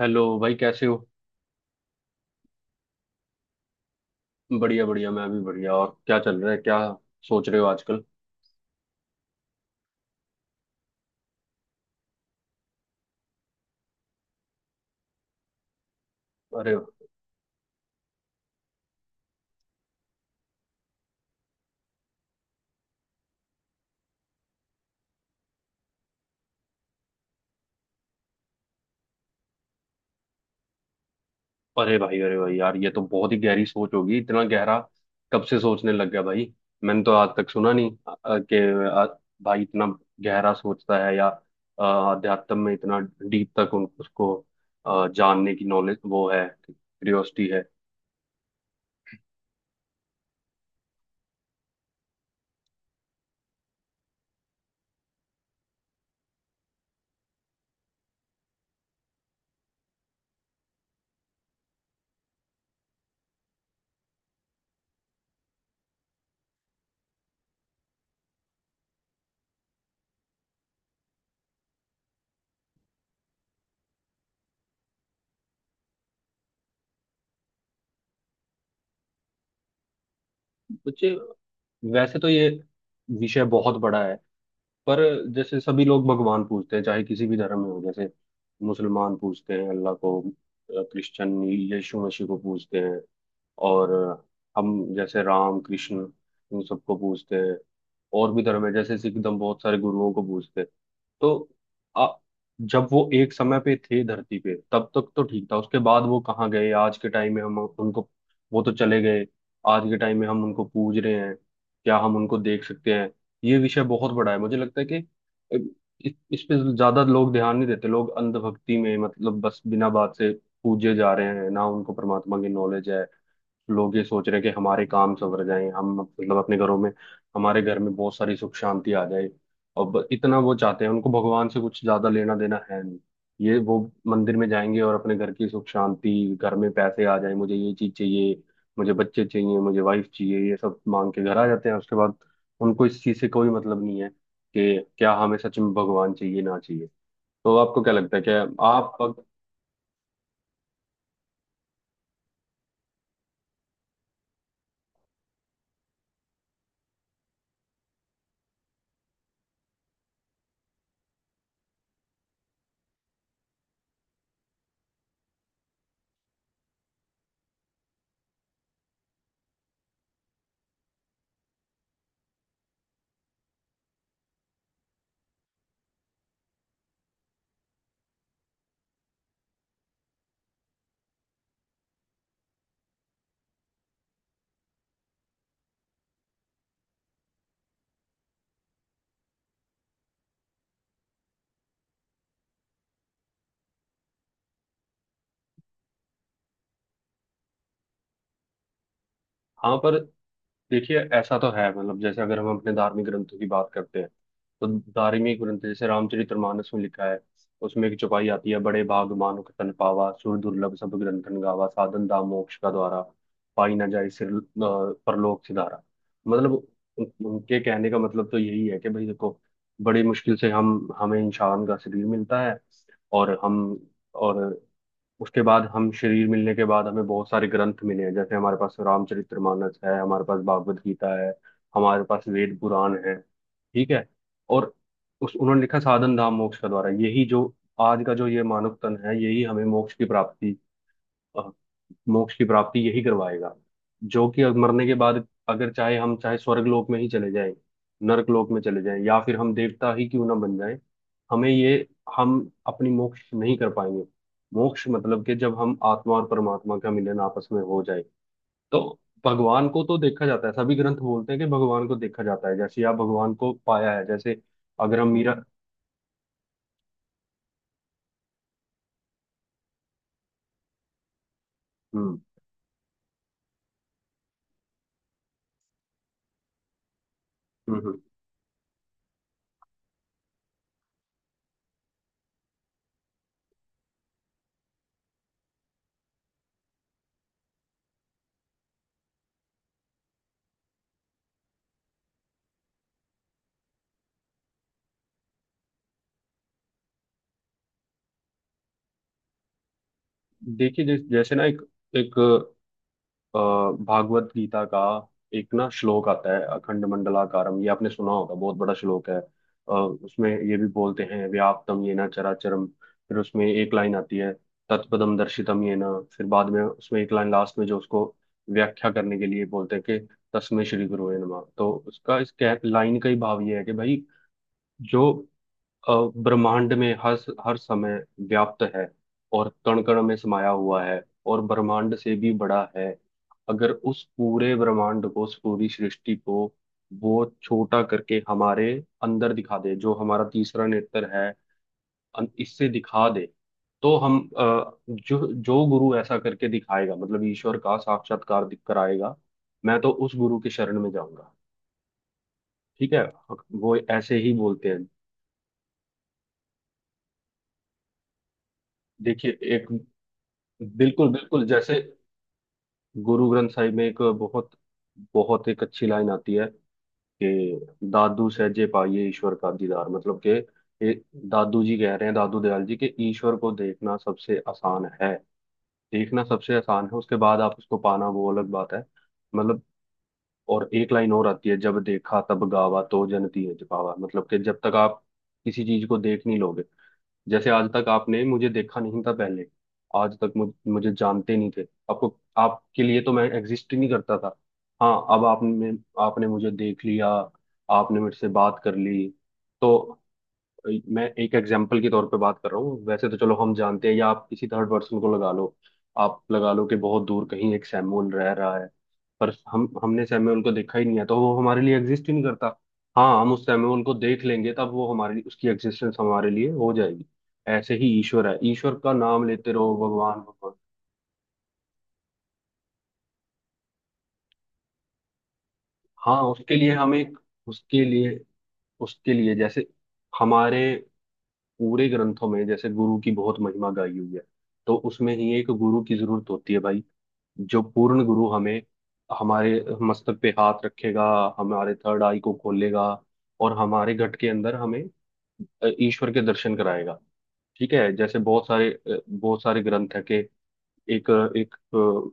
Hello भाई, कैसे हो। बढ़िया बढ़िया, मैं भी बढ़िया। और क्या चल रहा है, क्या सोच रहे हो आजकल। अरे, अरे भाई, अरे भाई यार, ये तो बहुत ही गहरी सोच होगी। इतना गहरा कब से सोचने लग गया भाई। मैंने तो आज तक सुना नहीं, कि भाई इतना गहरा सोचता है, या अध्यात्म में इतना डीप तक उन उसको जानने की नॉलेज वो है, क्यूरियोसिटी है। बच्चे, वैसे तो ये विषय बहुत बड़ा है। पर जैसे सभी लोग भगवान पूजते हैं, चाहे किसी भी धर्म में हो। जैसे मुसलमान पूजते हैं अल्लाह को, क्रिश्चियन यीशु मसीह को पूजते हैं, और हम जैसे राम कृष्ण, इन सबको पूजते हैं। और भी धर्म है, जैसे सिख धर्म, बहुत सारे गुरुओं को पूजते हैं। तो आ, जब वो एक समय पे थे धरती पे, तब तक तो ठीक था। उसके बाद वो कहाँ गए, आज के टाइम में हम उनको, वो तो चले गए, आज के टाइम में हम उनको पूज रहे हैं। क्या हम उनको देख सकते हैं? ये विषय बहुत बड़ा है। मुझे लगता है कि अ, इस पे ज्यादा लोग ध्यान नहीं देते। लोग अंधभक्ति में, मतलब बस, बिना बात से पूजे जा रहे हैं। ना उनको परमात्मा की नॉलेज है। लोग ये सोच रहे हैं कि हमारे काम सवर जाएं, हम मतलब अपने घरों में, हमारे घर में बहुत सारी सुख शांति आ जाए। और इतना वो चाहते हैं, उनको भगवान से कुछ ज्यादा लेना देना है नहीं। ये वो मंदिर में जाएंगे और अपने घर की सुख शांति, घर में पैसे आ जाए, मुझे ये चीज चाहिए, मुझे बच्चे चाहिए, मुझे वाइफ चाहिए, ये सब मांग के घर आ जाते हैं। उसके बाद उनको इस चीज से कोई मतलब नहीं है कि क्या हमें सच में भगवान चाहिए ना चाहिए। तो आपको क्या लगता है, क्या आप? हाँ, पर देखिए, ऐसा तो है, मतलब, जैसे अगर हम अपने धार्मिक ग्रंथों की बात करते हैं, तो धार्मिक ग्रंथ जैसे रामचरितमानस में लिखा है। उसमें एक चौपाई आती है, बड़े भागमानो के तन पावा, सुर दुर्लभ सब ग्रंथन गावा, साधन दाम मोक्ष का द्वारा, पाई ना जाए सिर, परलोक सिधारा। मतलब उनके कहने का मतलब तो यही है कि भाई देखो, बड़ी मुश्किल से हम हमें इंसान का शरीर मिलता है। और हम और उसके बाद हम, शरीर मिलने के बाद हमें बहुत सारे ग्रंथ मिले हैं, जैसे हमारे पास रामचरितमानस है, हमारे पास भागवत गीता है, हमारे पास वेद पुराण है, ठीक है। और उस उन्होंने लिखा, साधन धाम मोक्ष का द्वारा, यही जो आज का जो ये मानव तन है, यही हमें मोक्ष की प्राप्ति, अ, मोक्ष की प्राप्ति यही करवाएगा। जो कि अब मरने के बाद, अगर चाहे हम, चाहे स्वर्ग लोक में ही चले जाएं, नरक लोक में चले जाएं, या फिर हम देवता ही क्यों ना बन जाएं, हमें ये, हम अपनी मोक्ष नहीं कर पाएंगे। मोक्ष मतलब कि जब हम आत्मा और परमात्मा का मिलन आपस में हो जाए, तो भगवान को तो देखा जाता है। सभी ग्रंथ बोलते हैं कि भगवान को देखा जाता है, जैसे आप भगवान को पाया है, जैसे अगर हम मीरा, हम्म, हम्म, देखिए, जैसे जैसे ना, एक, एक अ, भागवत गीता का एक ना श्लोक आता है, अखंड मंडलाकारम, ये आपने सुना होगा, बहुत बड़ा श्लोक है। उसमें ये भी बोलते हैं, व्याप्तम येन चराचरम, फिर उसमें एक लाइन आती है, तत्पदम दर्शितम येन, फिर बाद में उसमें एक लाइन लास्ट में जो उसको व्याख्या करने के लिए बोलते हैं कि, तस्मै श्री गुरुवे नमः। तो उसका, इस लाइन का ही भाव ये है कि भाई, जो अ, ब्रह्मांड में हर हर समय व्याप्त है, और कण कण में समाया हुआ है, और ब्रह्मांड से भी बड़ा है। अगर उस पूरे ब्रह्मांड को, उस पूरी सृष्टि को वो छोटा करके हमारे अंदर दिखा दे, जो हमारा तीसरा नेत्र है, इससे दिखा दे, तो हम, जो जो गुरु ऐसा करके दिखाएगा, मतलब ईश्वर का साक्षात्कार कराएगा, मैं तो उस गुरु के शरण में जाऊंगा। ठीक है, वो ऐसे ही बोलते हैं। देखिए, एक, बिल्कुल बिल्कुल, जैसे गुरु ग्रंथ साहिब में एक बहुत बहुत एक अच्छी लाइन आती है कि, दादू सहजे पाइए ईश्वर का दीदार। मतलब कि, ये दादू जी कह रहे हैं, दादू दयाल जी, कि ईश्वर को देखना सबसे आसान है, देखना सबसे आसान है। उसके बाद आप उसको पाना, वो अलग बात है, मतलब। और एक लाइन और आती है, जब देखा तब गावा, तो जन तीज पावा, मतलब कि जब तक आप किसी चीज को देख नहीं लोगे, जैसे आज तक आपने मुझे देखा नहीं था पहले, आज तक मुझे जानते नहीं थे, आपको, आपके लिए तो मैं एग्जिस्ट ही नहीं करता था। हाँ, अब आपने, मुझे देख लिया, आपने मेरे से बात कर ली, तो, मैं एक एग्जाम्पल के तौर पे बात कर रहा हूँ, वैसे तो चलो हम जानते हैं, या आप किसी थर्ड पर्सन को लगा लो। आप लगा लो कि बहुत दूर कहीं एक सैमुअल रह रहा है, पर हम हमने सैमुअल को देखा ही नहीं है, तो वो हमारे लिए एग्जिस्ट ही नहीं करता। हाँ, हम उस सैमुअल को देख लेंगे, तब वो हमारी, उसकी एग्जिस्टेंस हमारे लिए हो जाएगी। ऐसे ही ईश्वर है, ईश्वर का नाम लेते रहो, भगवान भगवान। हाँ, उसके लिए हम एक, उसके लिए उसके लिए जैसे हमारे पूरे ग्रंथों में जैसे गुरु की बहुत महिमा गाई हुई है, तो उसमें ही एक गुरु की जरूरत होती है भाई, जो पूर्ण गुरु हमें, हमारे मस्तक पे हाथ रखेगा, हमारे थर्ड आई को खोलेगा, और हमारे घट के अंदर हमें ईश्वर के दर्शन कराएगा। ठीक है, जैसे बहुत सारे, बहुत सारे ग्रंथ है कि, एक, गुरु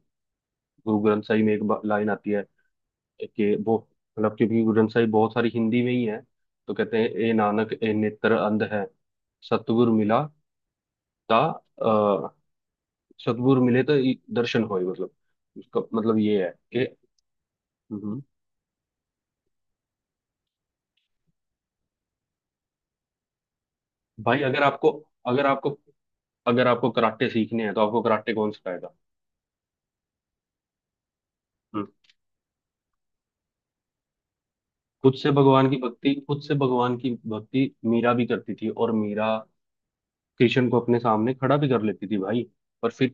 ग्रंथ साहिब में एक लाइन आती है कि वो, मतलब, क्योंकि गुरु ग्रंथ साहिब बहुत सारी हिंदी में ही है, तो कहते हैं, ए नानक, ए नेत्र अंध है, सतगुरु मिला ता, अ, सद्गुर मिले तो दर्शन होए, मतलब, उसका मतलब ये है कि, हम्म। भाई, अगर आपको अगर आपको कराटे सीखने हैं, तो आपको कराटे कौन सिखाएगा? हम्म। खुद से भगवान की भक्ति मीरा भी करती थी, और मीरा कृष्ण को अपने सामने खड़ा भी कर लेती थी भाई। पर फिर,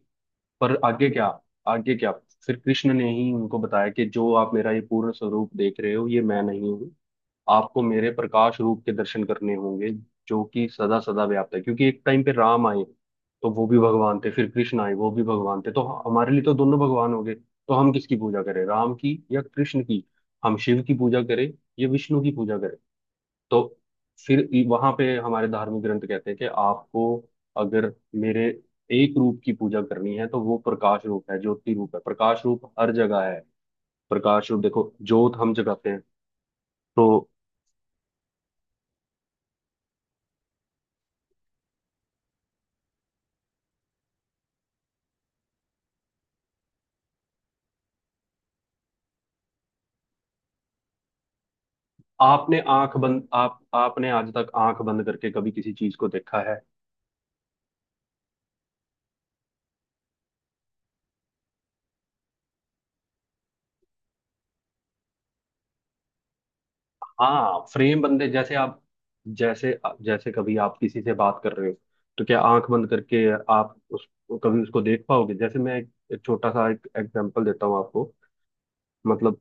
पर आगे क्या, आगे क्या? फिर कृष्ण ने ही उनको बताया कि, जो आप मेरा ये पूर्ण स्वरूप देख रहे हो, ये मैं नहीं हूँ। आपको मेरे प्रकाश रूप के दर्शन करने होंगे, जो कि सदा सदा व्याप्त है। क्योंकि एक टाइम पे राम आए, तो वो भी भगवान थे, फिर कृष्ण आए, वो भी भगवान थे, तो हमारे लिए तो दोनों भगवान हो गए, तो हम किसकी पूजा करें, राम की या कृष्ण की? हम शिव की पूजा करें, या विष्णु की पूजा करें? तो फिर वहां पे हमारे धार्मिक ग्रंथ कहते हैं कि आपको, अगर मेरे एक रूप की पूजा करनी है, तो वो प्रकाश रूप है, ज्योति रूप है, प्रकाश रूप हर जगह है। प्रकाश रूप देखो, ज्योत हम जगाते हैं, तो आपने आंख बंद, आप आपने आज तक आंख बंद करके कभी किसी चीज को देखा है? हाँ, फ्रेम बंदे, जैसे आप, जैसे जैसे कभी आप किसी से बात कर रहे हो, तो क्या आंख बंद करके आप उस, कभी उसको देख पाओगे? जैसे मैं एक छोटा सा एक एग्जांपल देता हूँ आपको, मतलब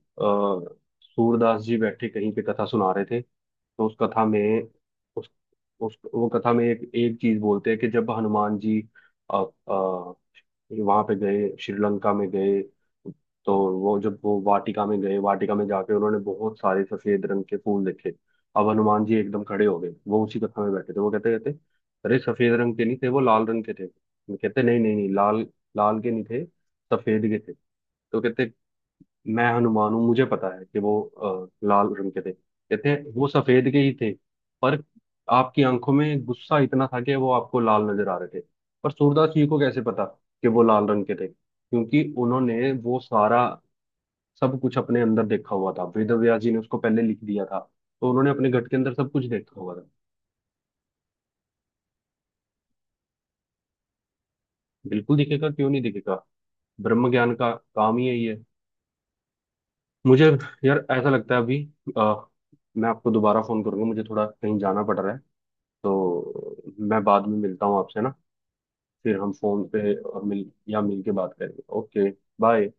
अ, सूरदास जी बैठे कहीं पे कथा सुना रहे थे, तो उस कथा में, उस उस वो कथा में एक एक चीज बोलते हैं कि, जब हनुमान जी आ, आ, वहां पे गए, श्रीलंका में गए, तो वो, जब वो वाटिका में गए, वाटिका में जाके उन्होंने बहुत सारे सफेद रंग के फूल देखे। अब हनुमान जी एकदम खड़े हो गए, वो उसी कथा में बैठे थे, वो कहते कहते, अरे सफेद रंग के नहीं थे, वो लाल रंग के थे। कहते, नहीं नहीं नहीं, लाल, लाल के नहीं थे, सफेद के थे। तो कहते, मैं हनुमान हूँ, मुझे पता है कि वो लाल रंग के थे। कहते हैं वो सफेद के ही थे, पर आपकी आंखों में गुस्सा इतना था कि वो आपको लाल नजर आ रहे थे। पर सूरदास जी को कैसे पता कि वो लाल रंग के थे? क्योंकि उन्होंने वो सारा सब कुछ अपने अंदर देखा हुआ था, वेदव्यास जी ने उसको पहले लिख दिया था, तो उन्होंने अपने घट के अंदर सब कुछ देखा हुआ था। बिल्कुल दिखेगा, क्यों नहीं दिखेगा, ब्रह्म ज्ञान का काम ही यही है। मुझे, यार ऐसा लगता है, अभी अ, मैं आपको दोबारा फोन करूंगा, मुझे थोड़ा कहीं जाना पड़ रहा है, तो मैं बाद में मिलता हूँ आपसे ना, फिर हम फोन पे मिल, या मिल के बात करेंगे। Okay, bye.